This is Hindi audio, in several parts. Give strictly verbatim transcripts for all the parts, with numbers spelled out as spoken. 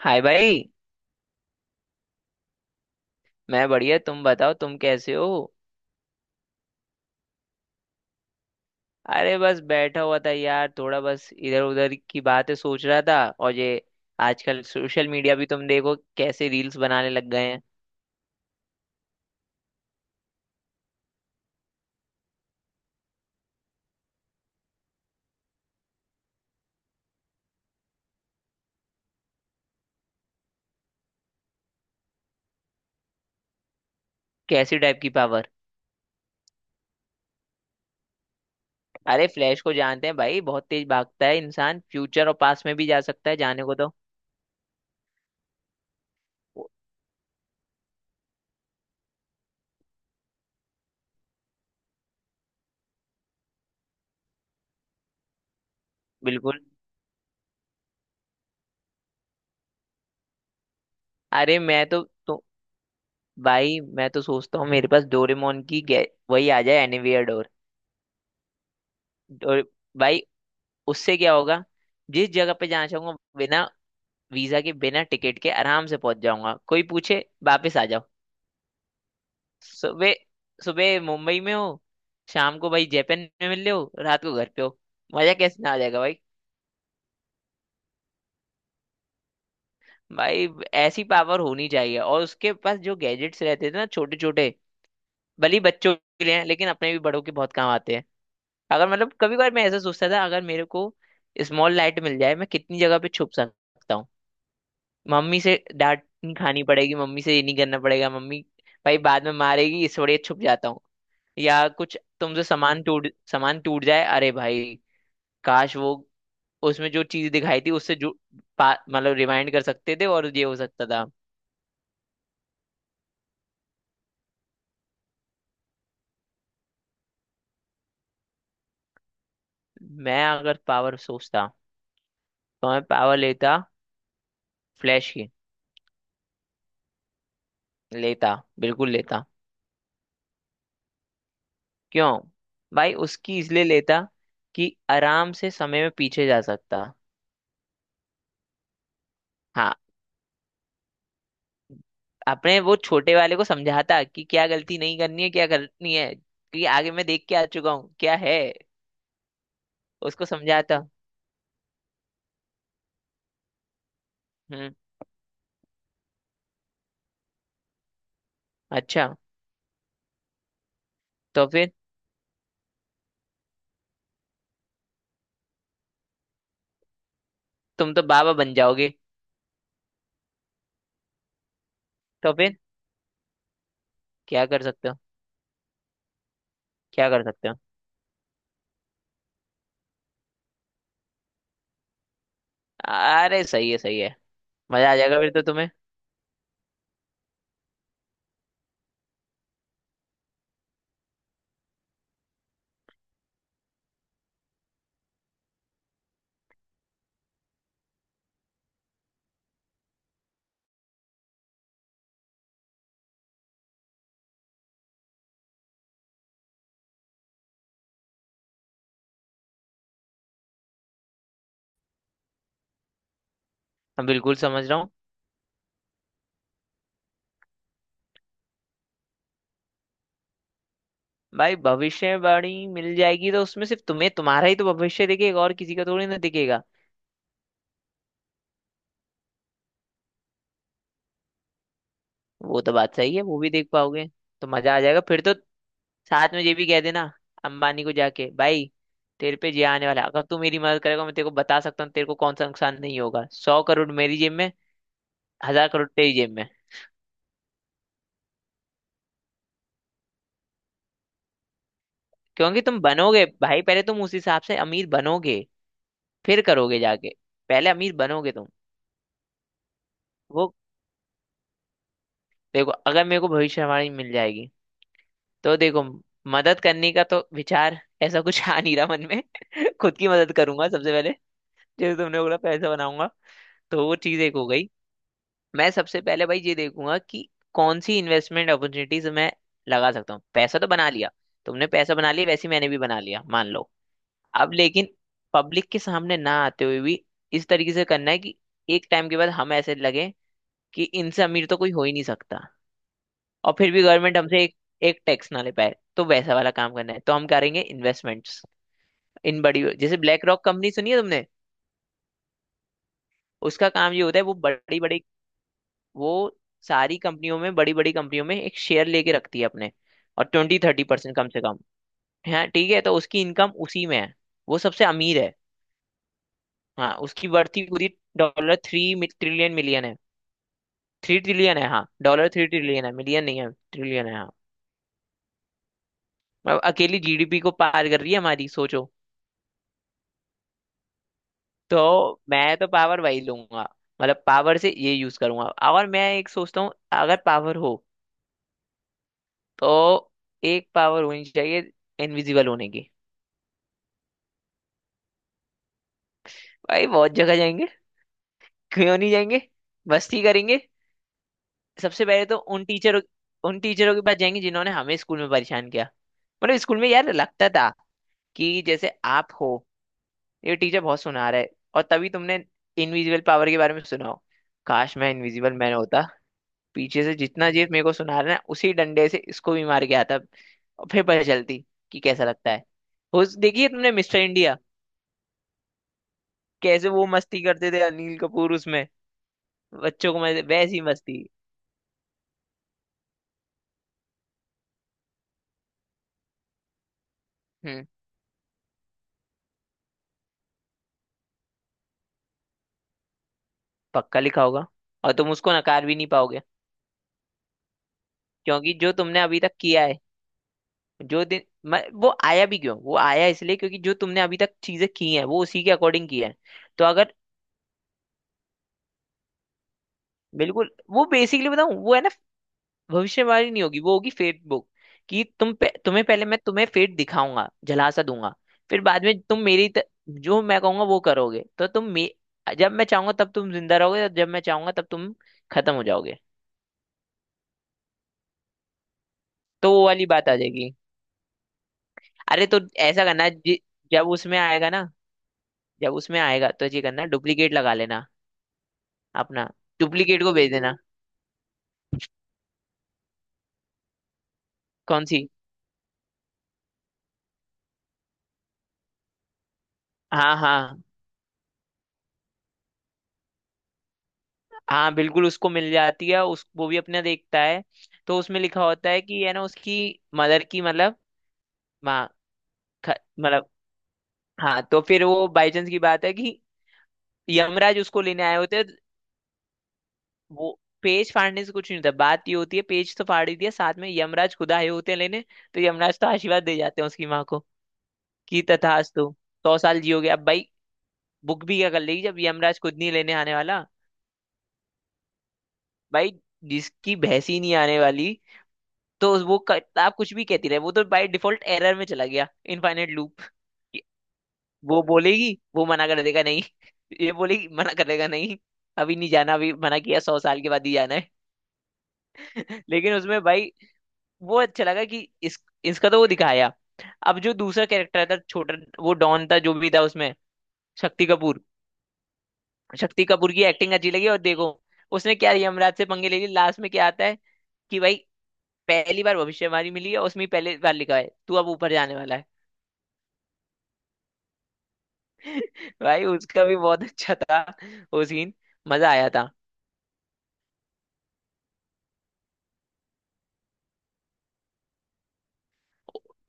हाय भाई। मैं बढ़िया, तुम बताओ तुम कैसे हो। अरे बस बैठा हुआ था यार, थोड़ा बस इधर उधर की बातें सोच रहा था। और ये आजकल सोशल मीडिया भी तुम देखो कैसे रील्स बनाने लग गए हैं। कैसी टाइप की पावर? अरे फ्लैश को जानते हैं भाई, बहुत तेज भागता है इंसान, फ्यूचर और पास्ट में भी जा सकता है जाने को तो। बिल्कुल। अरे मैं तो, तो भाई मैं तो सोचता हूँ मेरे पास डोरेमोन की गे- वही आ जाए एनीवेयर डोर डोर भाई, उससे क्या होगा? जिस जगह पे जाना चाहूंगा बिना वीजा के, बिना टिकट के आराम से पहुंच जाऊंगा। कोई पूछे वापस आ जाओ। सुबह सुबह मुंबई में हो, शाम को भाई जापान में मिल रहे हो, रात को घर पे हो। मजा कैसे ना आ जाएगा भाई। भाई ऐसी पावर होनी चाहिए। और उसके पास जो गैजेट्स रहते थे ना छोटे छोटे, भले ही बच्चों के लिए हैं लेकिन अपने भी बड़ों के बहुत काम आते हैं। अगर मतलब कभी कभार मैं ऐसा सोचता था, अगर मेरे को स्मॉल लाइट मिल जाए मैं कितनी जगह पे छुप सकता हूँ। मम्मी से डांट नहीं खानी पड़ेगी, मम्मी से ये नहीं करना पड़ेगा। मम्मी भाई बाद में मारेगी, इस बड़े छुप जाता हूँ। या कुछ तुमसे सामान टूट सामान टूट जाए, अरे भाई काश वो उसमें जो चीज दिखाई थी उससे जो पा- मतलब रिमाइंड कर सकते थे और ये हो सकता था। मैं अगर पावर सोचता तो मैं पावर लेता फ्लैश की। लेता, बिल्कुल लेता। क्यों? भाई उसकी इसलिए लेता कि आराम से समय में पीछे जा सकता। हाँ, अपने वो छोटे वाले को समझाता कि क्या गलती नहीं करनी है क्या करनी है, कि आगे मैं देख के आ चुका हूँ क्या है। उसको समझाता। हम्म। अच्छा। तो फिर तुम तो बाबा बन जाओगे। तो फिर क्या कर सकते हो? क्या कर सकते हो? अरे सही है, सही है। मजा आ जाएगा फिर तो तुम्हें। मैं बिल्कुल समझ रहा हूँ। भाई भविष्यवाणी मिल जाएगी तो उसमें सिर्फ तुम्हें तुम्हारा ही तो भविष्य दिखेगा, और किसी का थोड़ी ना दिखेगा। वो तो बात सही है, वो भी देख पाओगे तो मजा आ जाएगा फिर तो। साथ में ये भी कह देना अंबानी को जाके भाई, तेरे पे जे आने वाला है, अगर तू मेरी मदद करेगा मैं तेरे को बता सकता हूँ तेरे को कौन सा नुकसान नहीं होगा। सौ करोड़ मेरी जेब में, हजार करोड़ तेरी जेब में। क्योंकि तुम बनोगे भाई, पहले तुम उस हिसाब से अमीर बनोगे फिर करोगे जाके। पहले अमीर बनोगे तुम। वो देखो अगर मेरे को भविष्यवाणी मिल जाएगी तो देखो, मदद करने का तो विचार ऐसा कुछ आ नहीं रहा मन में। खुद की मदद करूंगा सबसे पहले। जैसे तुमने बोला पैसा बनाऊंगा, तो वो चीज एक हो गई। मैं सबसे पहले भाई ये देखूंगा कि कौन सी इन्वेस्टमेंट अपॉर्चुनिटीज मैं लगा सकता हूँ। पैसा तो बना लिया, तुमने पैसा बना लिया वैसे ही मैंने भी बना लिया मान लो। अब लेकिन पब्लिक के सामने ना आते हुए भी इस तरीके से करना है कि एक टाइम के बाद हम ऐसे लगे कि इनसे अमीर तो कोई हो ही नहीं सकता। और फिर भी गवर्नमेंट हमसे एक एक टैक्स ना ले पाए, तो वैसा वाला काम करना है। तो हम करेंगे इन्वेस्टमेंट्स इन बड़ी, जैसे ब्लैक रॉक कंपनी सुनी है तुमने? उसका काम ये होता है, वो बड़ी बड़ी वो सारी कंपनियों में, बड़ी बड़ी कंपनियों में एक शेयर लेके रखती है अपने। और ट्वेंटी थर्टी परसेंट कम से कम है, ठीक है। तो उसकी इनकम उसी में है, वो सबसे अमीर है। हाँ उसकी वर्थ ही पूरी डॉलर थ्री ट्रिलियन मिलियन है। थ्री ट्रिलियन है, हाँ डॉलर थ्री ट्रिलियन है, मिलियन नहीं है ट्रिलियन है, हाँ। अब अकेली जीडीपी को पार कर रही है हमारी, सोचो। तो मैं तो पावर वही लूंगा, मतलब पावर से ये यूज करूंगा। और मैं एक सोचता हूँ अगर पावर हो तो एक पावर होनी चाहिए इनविजिबल होने की। भाई बहुत जगह जाएंगे, क्यों नहीं जाएंगे, मस्ती करेंगे। सबसे पहले तो उन टीचरों उन टीचरों के पास जाएंगे जिन्होंने हमें स्कूल में परेशान किया। मतलब स्कूल में यार लगता था कि जैसे आप हो, ये टीचर बहुत सुना रहा है, और तभी तुमने इनविजिबल पावर के बारे में सुना हो, काश मैं इनविजिबल मैन होता। पीछे से जितना जीत मेरे को सुना रहा है ना, उसी डंडे से इसको भी मार के आता और फिर पता चलती कि कैसा लगता है। उस देखिए तुमने मिस्टर इंडिया, कैसे वो मस्ती करते थे अनिल कपूर उसमें, बच्चों को मजे वैसी मस्ती। हम्म। पक्का लिखा होगा और तुम उसको नकार भी नहीं पाओगे क्योंकि जो तुमने अभी तक किया है। जो दिन म, वो आया भी क्यों, वो आया इसलिए क्योंकि जो तुमने अभी तक चीजें की हैं वो उसी के अकॉर्डिंग की है। तो अगर बिल्कुल वो बेसिकली बताऊं वो है ना, भविष्यवाणी नहीं होगी वो होगी फेट बुक। कि तुम पे, तुम्हें पहले मैं तुम्हें फेट दिखाऊंगा, झलासा दूंगा। फिर बाद में तुम मेरी त, जो मैं कहूंगा वो करोगे तो तुम मे, जब मैं चाहूंगा तब तुम जिंदा रहोगे और जब मैं चाहूंगा तब तुम खत्म हो जाओगे। तो वो वाली बात आ जाएगी। अरे तो ऐसा करना जि- जब उसमें आएगा ना, जब उसमें आएगा तो ये करना डुप्लीकेट लगा लेना। अपना डुप्लीकेट को भेज देना। कौन सी? हाँ हाँ हाँ, बिल्कुल उसको मिल जाती है, उस वो भी अपना देखता है। तो उसमें लिखा होता है कि है ना उसकी मदर की, मतलब माँ। ख- मतलब हाँ तो फिर वो बाई चांस की बात है कि यमराज उसको लेने आए होते हैं। वो पेज फाड़ने से कुछ नहीं होता, बात ये होती है पेज तो फाड़ ही दिया, साथ में यमराज खुद आए होते हैं लेने। तो यमराज तो आशीर्वाद दे जाते हैं उसकी माँ को, कि तथास्तु सौ साल जियोगे। अब भाई बुक भी क्या कर लेगी जब यमराज खुद नहीं लेने आने वाला। भाई जिसकी भैंस ही नहीं आने वाली, तो वो किताब कुछ भी कहती रहे, वो तो बाय डिफॉल्ट एरर में चला गया, इनफाइनाइट लूप। वो बोलेगी वो मना कर देगा नहीं, ये बोलेगी मना कर देगा नहीं। अभी नहीं जाना, अभी मना किया, सौ साल के बाद ही जाना है। लेकिन उसमें भाई वो अच्छा लगा कि इस इसका तो वो दिखाया। अब जो दूसरा कैरेक्टर था छोटा, वो डॉन था जो भी था उसमें, शक्ति कपूर शक्ति कपूर की एक्टिंग अच्छी लगी। और देखो उसने क्या यमराज से पंगे ले लिए, लास्ट में क्या आता है कि भाई पहली बार भविष्यवाणी मिली है उसमें, पहले बार लिखा है तू अब ऊपर जाने वाला है। भाई उसका भी बहुत अच्छा था वो सीन, मजा आया था।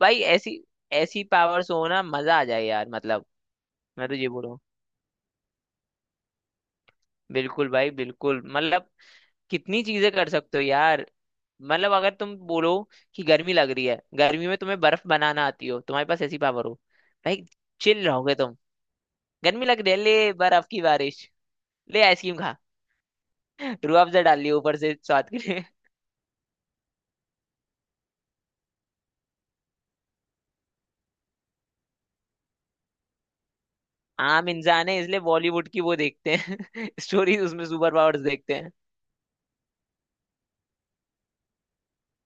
भाई ऐसी ऐसी पावर्स हो ना मजा आ जाए यार, मतलब। मैं तो ये बोलूँ बिल्कुल भाई बिल्कुल, मतलब कितनी चीजें कर सकते हो यार। मतलब अगर तुम बोलो कि गर्मी लग रही है, गर्मी में तुम्हें बर्फ बनाना आती हो, तुम्हारे पास ऐसी पावर हो, भाई चिल रहोगे तुम। गर्मी लग रही है, ले बर्फ की बारिश, ले आइसक्रीम खा। रूह अफ़ज़ा डाल लियो ऊपर से स्वाद के लिए। आम इंसान है इसलिए बॉलीवुड की वो देखते हैं स्टोरीज, उसमें सुपर पावर्स देखते।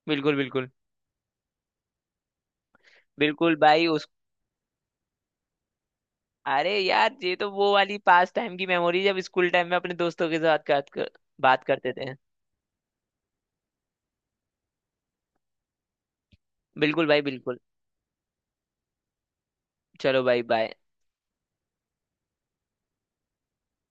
बिल्कुल, बिल्कुल, बिल्कुल भाई। उस अरे यार ये तो वो वाली पास टाइम की मेमोरी, जब स्कूल टाइम में अपने दोस्तों के साथ बात कर बात करते थे। बिल्कुल भाई बिल्कुल। चलो भाई बाय।